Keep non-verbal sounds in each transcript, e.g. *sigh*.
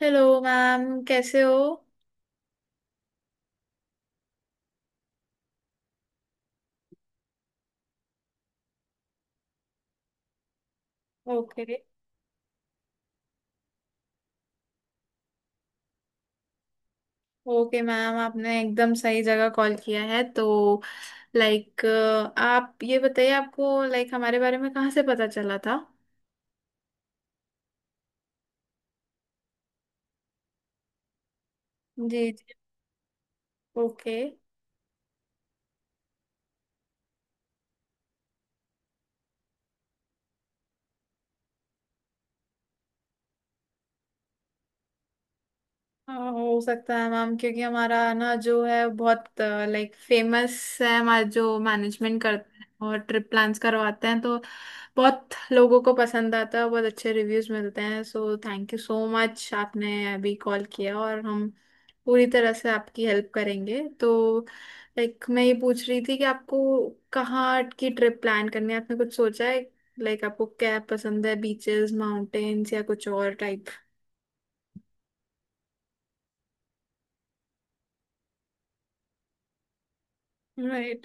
Hello ma'am कैसे हो। Okay okay ma'am आपने एकदम सही जगह कॉल किया है तो लाइक आप ये बताइए आपको लाइक हमारे बारे में कहाँ से पता चला था। जी जी। ओके। हाँ, हो सकता है मैम क्योंकि हमारा ना जो है बहुत लाइक फेमस है हमारा जो मैनेजमेंट करते हैं और ट्रिप प्लान्स करवाते हैं तो बहुत लोगों को पसंद आता है बहुत अच्छे रिव्यूज मिलते हैं। So thank you so much आपने अभी कॉल किया और हम पूरी तरह से आपकी हेल्प करेंगे। तो लाइक मैं ये पूछ रही थी कि आपको कहाँ की ट्रिप प्लान करनी है आपने कुछ सोचा है। लाइक आपको क्या पसंद है बीचेस माउंटेन्स या कुछ और टाइप।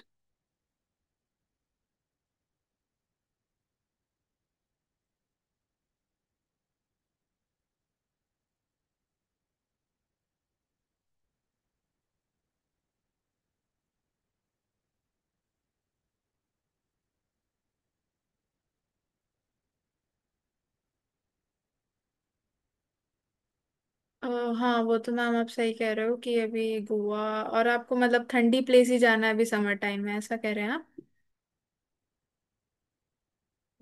अ, हाँ वो तो मैम आप सही कह रहे हो कि अभी गोवा। और आपको मतलब ठंडी प्लेस ही जाना है अभी समर टाइम में ऐसा कह रहे हैं आप।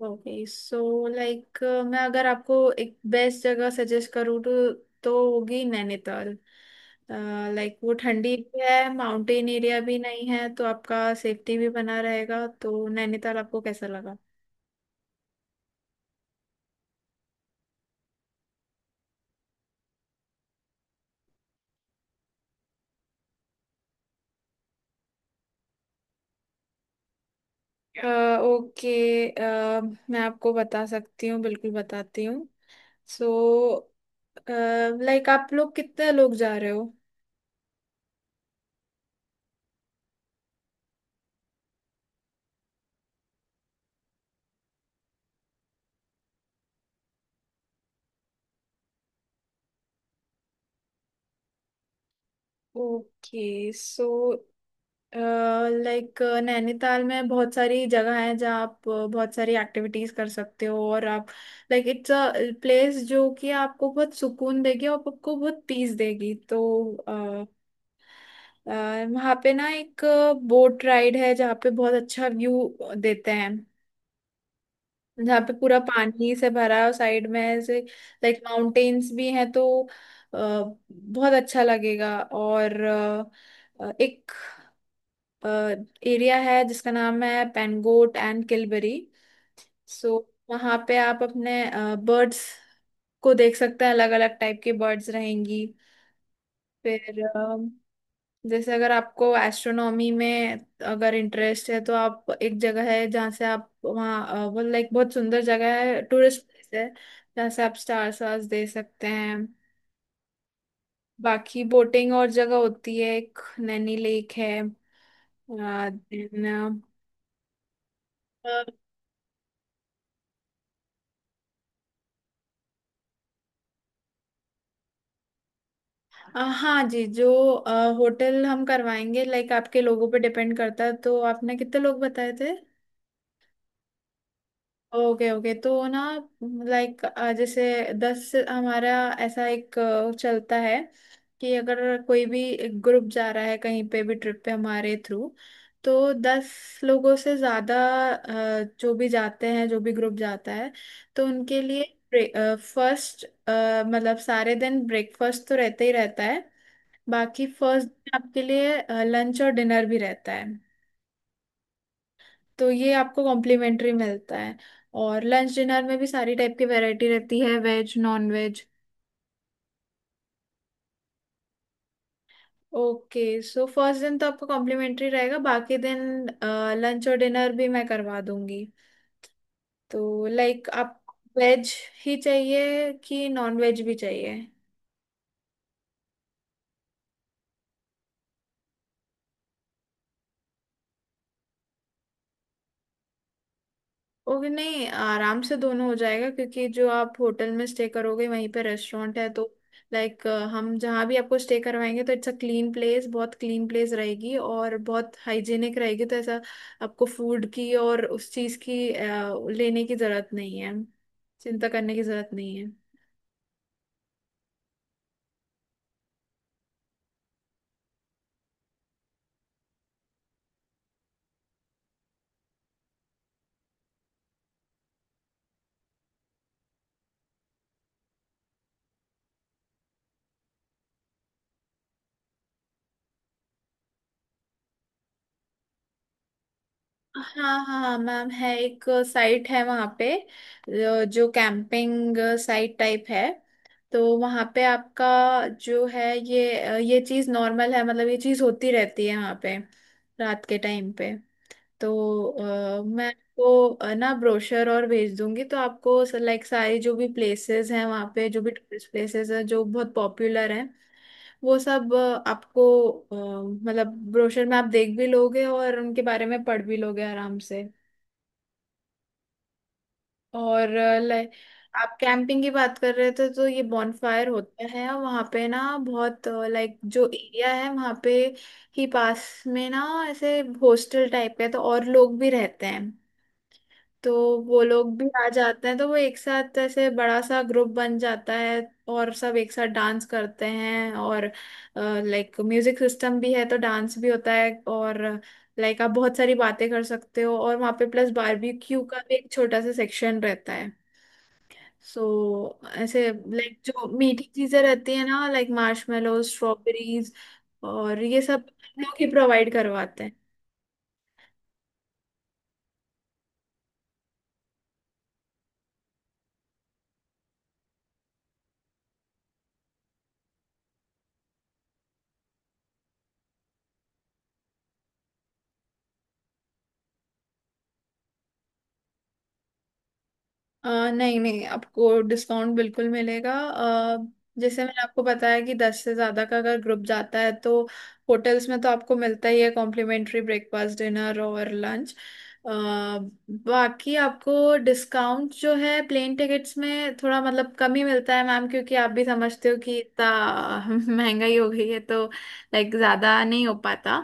ओके सो लाइक मैं अगर आपको एक बेस्ट जगह सजेस्ट करूँ तो होगी नैनीताल। लाइक वो ठंडी भी है माउंटेन एरिया भी नहीं है तो आपका सेफ्टी भी बना रहेगा तो नैनीताल आपको कैसा लगा। ओके। अ, मैं आपको बता सकती हूँ बिल्कुल बताती हूँ। सो लाइक आप लोग कितने लोग जा रहे हो। ओके सो लाइक नैनीताल में बहुत सारी जगह है जहाँ आप बहुत सारी एक्टिविटीज कर सकते हो और आप लाइक इट्स अ प्लेस जो कि आपको बहुत सुकून देगी और आपको बहुत पीस देगी। तो अ, वहाँ पे ना एक बोट राइड है जहाँ पे बहुत अच्छा व्यू देते हैं। जहाँ पे पूरा पानी से भरा है और साइड में ऐसे लाइक माउंटेन्स भी हैं तो अ, बहुत अच्छा लगेगा। और एक एरिया है जिसका नाम है पेनगोट एंड किलबरी। सो वहाँ पे आप अपने बर्ड्स को देख सकते हैं अलग अलग टाइप के बर्ड्स रहेंगी। फिर जैसे अगर आपको एस्ट्रोनॉमी में अगर इंटरेस्ट है तो आप एक जगह है जहाँ से आप वहाँ वो लाइक बहुत सुंदर जगह है टूरिस्ट प्लेस है जहाँ से आप स्टार्स वार्स दे सकते हैं। बाकी बोटिंग और जगह होती है एक नैनी लेक है देन हाँ जी जो अ, होटल हम करवाएंगे लाइक आपके लोगों पे डिपेंड करता है तो आपने कितने लोग बताए थे। ओके ओके तो ना लाइक जैसे 10 से हमारा ऐसा एक चलता है कि अगर कोई भी ग्रुप जा रहा है कहीं पे भी ट्रिप पे हमारे थ्रू तो 10 लोगों से ज़्यादा जो भी जाते हैं जो भी ग्रुप जाता है तो उनके लिए फर्स्ट मतलब सारे दिन ब्रेकफास्ट तो रहता ही रहता है बाकी फर्स्ट डे आपके लिए लंच और डिनर भी रहता है। तो ये आपको कॉम्प्लीमेंट्री मिलता है और लंच डिनर में भी सारी टाइप की वैरायटी रहती है veg non veg. Okay so first दिन तो आपको कॉम्प्लीमेंट्री रहेगा बाकी दिन लंच और डिनर भी मैं करवा दूंगी। तो लाइक आप वेज ही चाहिए कि नॉन वेज भी चाहिए। ओके नहीं आराम से दोनों हो जाएगा क्योंकि जो आप होटल में स्टे करोगे वहीं पे रेस्टोरेंट है। तो लाइक हम जहाँ भी आपको स्टे करवाएंगे तो इट्स अ क्लीन प्लेस बहुत क्लीन प्लेस रहेगी और बहुत हाइजीनिक रहेगी। तो ऐसा आपको फूड की और उस चीज़ की लेने की ज़रूरत नहीं है चिंता करने की ज़रूरत नहीं है। हाँ हाँ मैम है एक साइट है वहाँ पे जो जो कैंपिंग साइट टाइप है। तो वहाँ पे आपका जो है ये चीज़ नॉर्मल है मतलब ये चीज़ होती रहती है वहाँ पे रात के टाइम पे। तो मैं आपको ना ब्रोशर और भेज दूंगी तो आपको लाइक सारी जो भी प्लेसेस हैं वहाँ पे जो भी टूरिस्ट प्लेसेस हैं जो बहुत पॉपुलर हैं वो सब आपको मतलब ब्रोशर में आप देख भी लोगे और उनके बारे में पढ़ भी लोगे आराम से। और लाइक आप कैंपिंग की बात कर रहे थे तो ये बॉनफायर होता है वहाँ पे ना बहुत लाइक जो एरिया है वहाँ पे ही पास में ना ऐसे हॉस्टल टाइप है तो और लोग भी रहते हैं। तो वो लोग भी आ जाते हैं तो वो एक साथ ऐसे बड़ा सा ग्रुप बन जाता है और सब एक साथ डांस करते हैं। और लाइक म्यूजिक सिस्टम भी है तो डांस भी होता है और लाइक आप बहुत सारी बातें कर सकते हो। और वहाँ पे प्लस बारबेक्यू का भी एक छोटा सा सेक्शन रहता है। सो ऐसे लाइक जो मीठी चीजें रहती है ना लाइक मार्शमेलो स्ट्रॉबेरीज और ये सब हम लोग ही प्रोवाइड करवाते हैं। नहीं नहीं आपको डिस्काउंट बिल्कुल मिलेगा। जैसे मैंने आपको बताया कि 10 से ज़्यादा का अगर ग्रुप जाता है तो होटल्स में तो आपको मिलता ही है कॉम्प्लीमेंट्री ब्रेकफास्ट डिनर और लंच। बाकी आपको डिस्काउंट जो है प्लेन टिकट्स में थोड़ा मतलब कम ही मिलता है मैम क्योंकि आप भी समझते हो कि इतना *laughs* महंगाई हो गई है तो लाइक ज़्यादा नहीं हो पाता।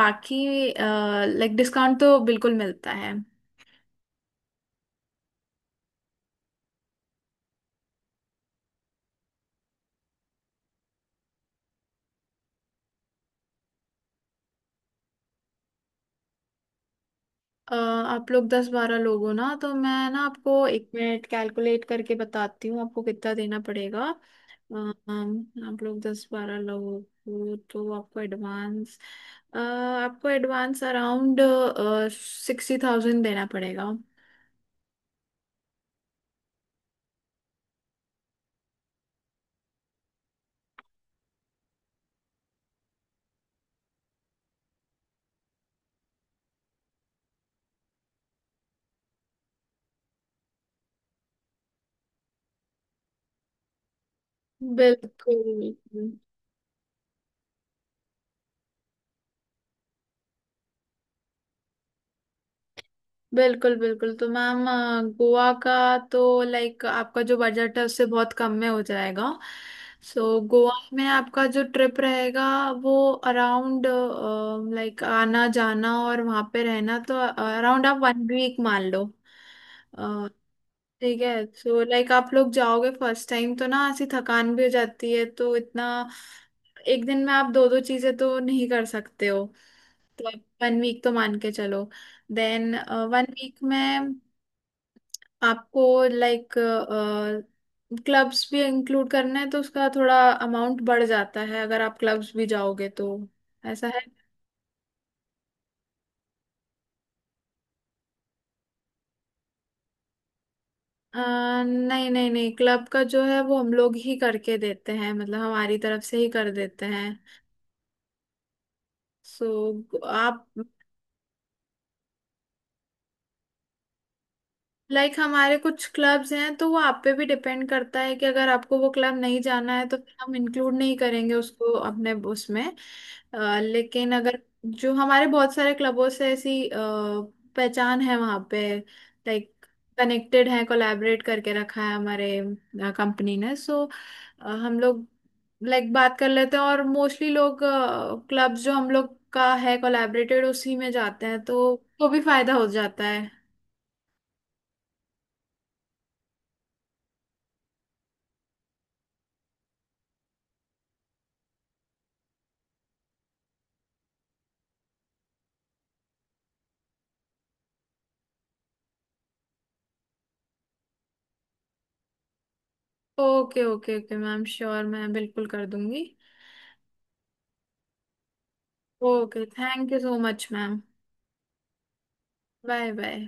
बाकी लाइक डिस्काउंट तो बिल्कुल मिलता है। आप लोग 10-12 लोग हो ना तो मैं ना आपको 1 मिनट कैलकुलेट करके बताती हूँ आपको कितना देना पड़ेगा। अ, अम, आप लोग 10-12 लोग हो तो आपको एडवांस आपको एडवांस अराउंड 60,000 देना पड़ेगा। बिल्कुल बिल्कुल बिल्कुल तो मैम गोवा का तो लाइक आपका जो बजट है उससे बहुत कम में हो जाएगा। सो गोवा में आपका जो ट्रिप रहेगा वो अराउंड लाइक आना जाना और वहाँ पे रहना तो अराउंड आप 1 वीक मान लो। अ, ठीक है सो लाइक आप लोग जाओगे फर्स्ट टाइम तो ना ऐसी थकान भी हो जाती है तो इतना एक दिन में आप दो दो चीज़ें तो नहीं कर सकते हो। तो 1 वीक तो मान के चलो। देन 1 वीक में आपको लाइक क्लब्स भी इंक्लूड करना है तो उसका थोड़ा अमाउंट बढ़ जाता है अगर आप क्लब्स भी जाओगे तो। ऐसा है अ, नहीं नहीं नहीं क्लब का जो है वो हम लोग ही करके देते हैं मतलब हमारी तरफ से ही कर देते हैं। सो आप लाइक हमारे कुछ क्लब्स हैं तो वो आप पे भी डिपेंड करता है कि अगर आपको वो क्लब नहीं जाना है तो फिर हम इंक्लूड नहीं करेंगे उसको अपने उसमें। लेकिन अगर जो हमारे बहुत सारे क्लबों से ऐसी पहचान है वहाँ पे लाइक कनेक्टेड है कोलैबोरेट करके रखा है हमारे कंपनी ने। सो हम लोग लाइक बात कर लेते हैं और मोस्टली लोग क्लब्स जो हम लोग का है कोलैबोरेटेड उसी में जाते हैं तो भी फायदा हो जाता है। Okay okay okay ma'am sure मैं बिल्कुल कर दूंगी। Okay thank you so much ma'am. Bye bye.